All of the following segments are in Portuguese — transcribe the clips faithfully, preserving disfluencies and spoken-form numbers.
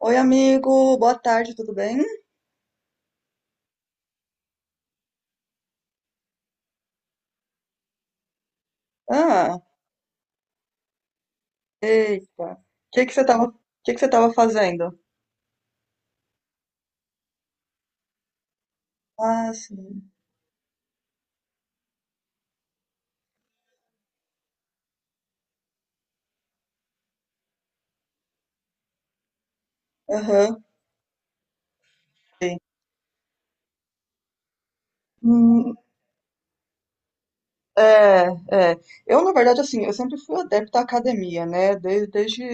Oi, amigo, boa tarde, tudo bem? Ah, eita. O que que você tava, que que você tava fazendo? Ah, sim. Aham. Sei. Hum, é, é. Eu, na verdade, assim, eu sempre fui adepta à academia, né? Desde, desde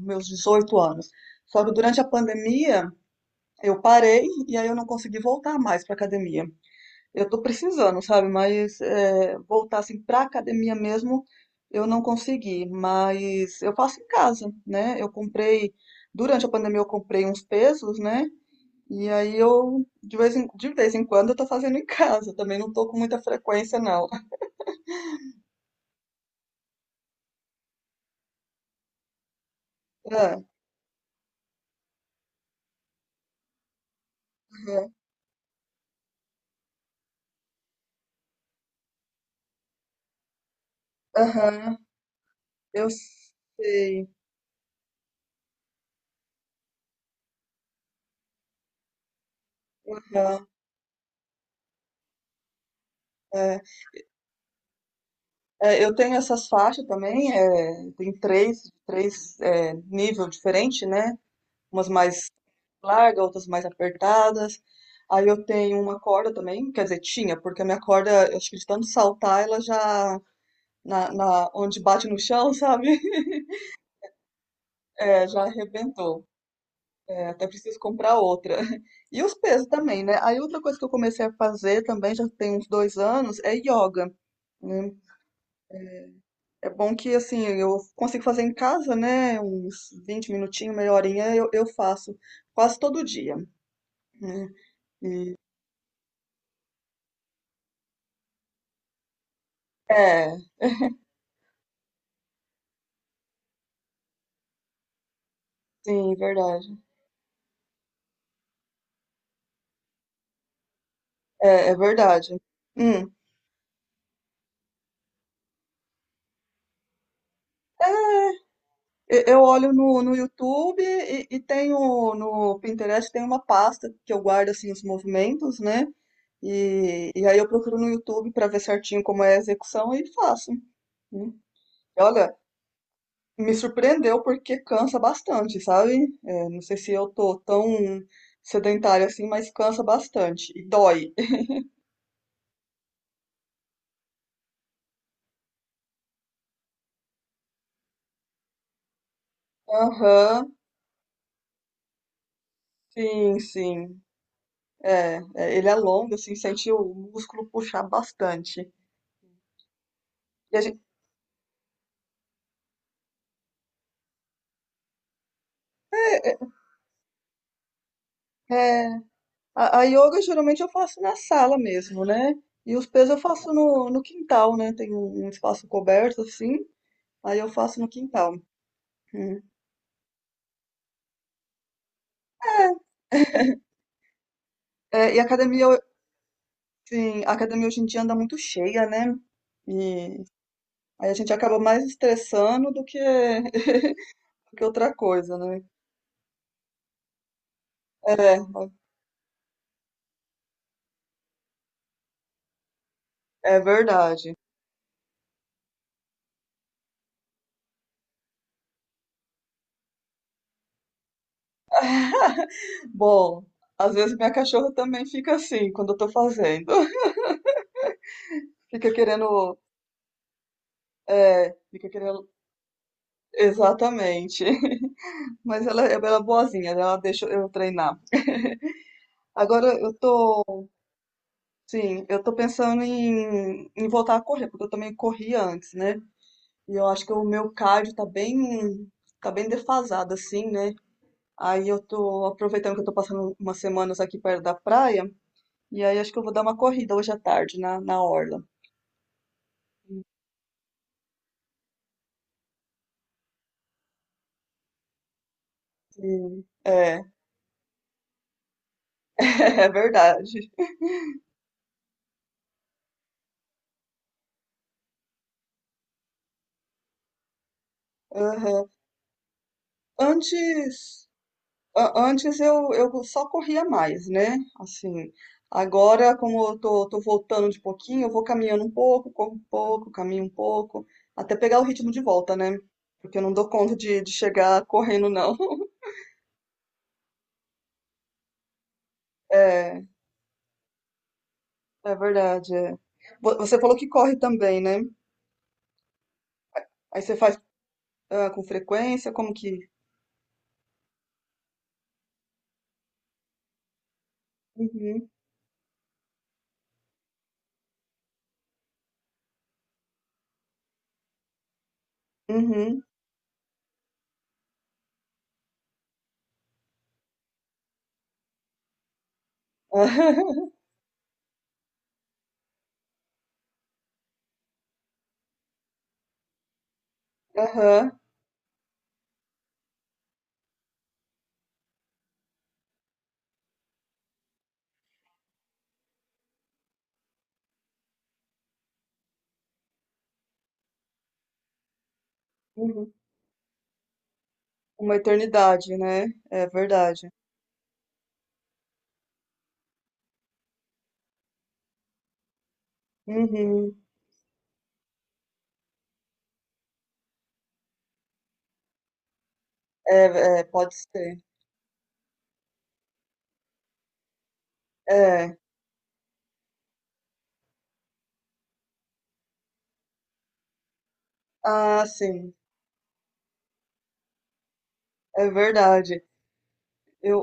meus dezoito anos. Só que durante a pandemia eu parei e aí eu não consegui voltar mais para academia. Eu tô precisando, sabe? Mas é, voltar assim pra academia mesmo, eu não consegui. Mas eu faço em casa, né? Eu comprei, durante a pandemia eu comprei uns pesos, né? E aí eu, de vez em, de vez em quando, eu tô fazendo em casa. Também não tô com muita frequência, não. Ah, aham, aham, eu sei. Aham, é. É, eu tenho essas faixas também, é, tem três, três é, nível diferente, né? Umas mais larga, outras mais apertadas. Aí eu tenho uma corda também, quer dizer, tinha, porque a minha corda, eu acho que de tanto saltar, ela já, na, na- onde bate no chão, sabe? É, já arrebentou. É, até preciso comprar outra. E os pesos também, né? Aí outra coisa que eu comecei a fazer também, já tem uns dois anos, é yoga, né? É bom que, assim, eu consigo fazer em casa, né? Uns vinte minutinhos, meia horinha, eu, eu faço quase todo dia, né? É, sim, verdade. É, é verdade. Hum. E- Eu olho no, no YouTube e, e tenho no Pinterest tem uma pasta que eu guardo assim os movimentos, né? E, e aí eu procuro no YouTube para ver certinho como é a execução e faço. Né? E Olha, me surpreendeu porque cansa bastante, sabe? É, não sei se eu tô tão sedentária assim, mas cansa bastante e dói. Aham, sim, sim. É, é, ele é longo, assim, sente o músculo puxar bastante. E a gen- É, a, a yoga geralmente eu faço na sala mesmo, né? E os pesos eu faço no, no quintal, né? Tem um, um espaço coberto assim, aí eu faço no quintal. Hum. É, é, e a academia, ho- sim, a academia hoje em dia anda muito cheia, né? E aí a gente acaba mais estressando do que, do que outra coisa, né? É, é verdade. Bom, às vezes minha cachorra também fica assim quando eu tô fazendo. Fica querendo, é, fica querendo, exatamente. Mas ela, ela é boazinha, né? Ela deixa eu treinar. Agora eu tô, sim, eu tô pensando em, em voltar a correr, porque eu também corria antes, né? E eu acho que o meu cardio tá bem, tá bem defasado, assim, né? Aí eu tô aproveitando que eu tô passando umas semanas aqui perto da praia, e aí acho que eu vou dar uma corrida hoje à tarde na, na orla. Sim, é, é verdade. Aham. Antes, a- antes eu, eu só corria mais, né? Assim, agora, como eu tô, tô voltando de pouquinho, eu vou caminhando um pouco, corro um pouco, caminho um pouco, até pegar o ritmo de volta, né? Porque eu não dou conta de, de chegar correndo, não. É, é verdade, é. Vo- Você falou que corre também, né? Aí você faz ah, com frequência, como que. Uhum, uhum. Aham, uhum. Uma eternidade, né? É verdade. Uhum. É, é, pode ser. É. Ah, sim, é verdade. Eu,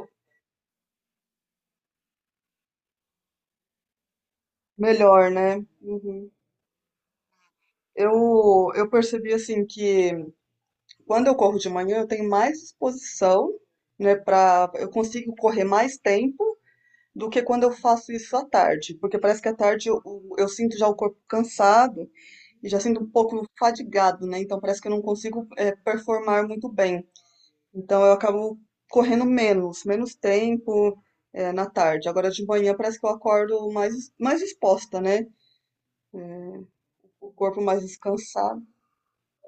melhor, né? Uhum. Eu, eu percebi assim que quando eu corro de manhã eu tenho mais disposição, né, para eu consigo correr mais tempo do que quando eu faço isso à tarde, porque parece que à tarde eu, eu sinto já o corpo cansado e já sinto um pouco fadigado, né? Então parece que eu não consigo eh, performar muito bem. Então eu acabo correndo menos, menos tempo é, na tarde. Agora de manhã parece que eu acordo mais, mais disposta, né? É, o corpo mais descansado.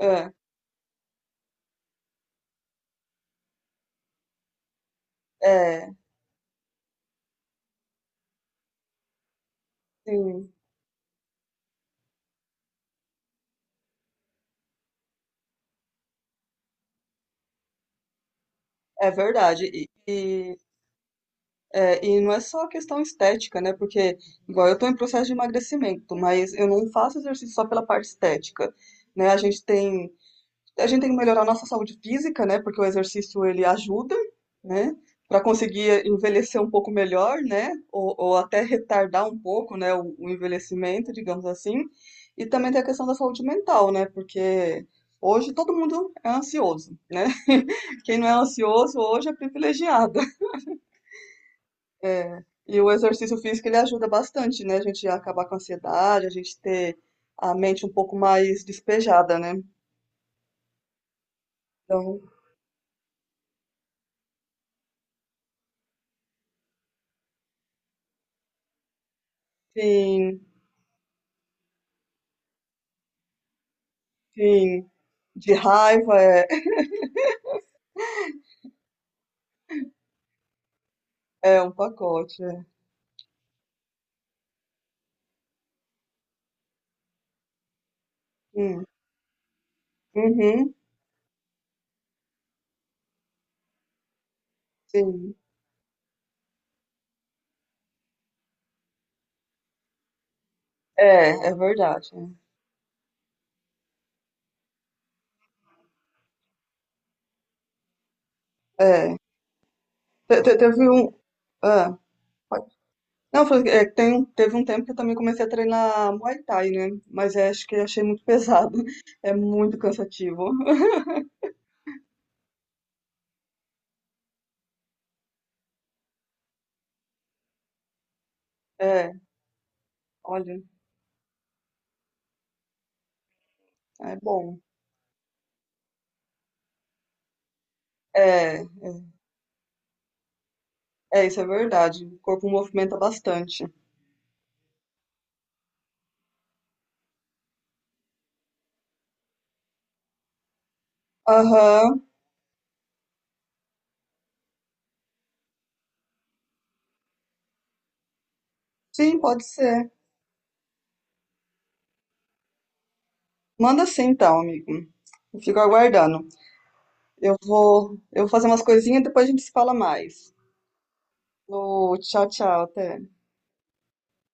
É, é, sim, é verdade. E, e, é, e não é só a questão estética, né? Porque, igual eu tô em processo de emagrecimento, mas eu não faço exercício só pela parte estética, né? A gente tem A gente tem que melhorar a nossa saúde física, né? Porque o exercício ele ajuda, né? Para conseguir envelhecer um pouco melhor, né? Ou, ou até retardar um pouco, né? O, o envelhecimento, digamos assim. E também tem a questão da saúde mental, né? Porque hoje todo mundo é ansioso, né? Quem não é ansioso hoje é privilegiado. É, E o exercício físico ele ajuda bastante, né? A gente acabar com a ansiedade, a gente ter a mente um pouco mais despejada, né? Então, sim, sim. De raiva é, é um pacote. É. Hum, uhum, sim. É, é verdade. É. É, Te- te- teve um. Ah, pode- não, foi, é, tem, um- teve um tempo que eu também comecei a treinar Muay Thai, né? Mas é, acho que eu achei muito pesado. É muito cansativo. É, olha, é bom. É, é, isso é verdade. O corpo movimenta bastante. Aham, sim, pode ser. Manda sim, então, amigo. Eu fico aguardando. Eu vou, eu vou fazer umas coisinhas e depois a gente se fala mais. Ô, tchau, tchau, até.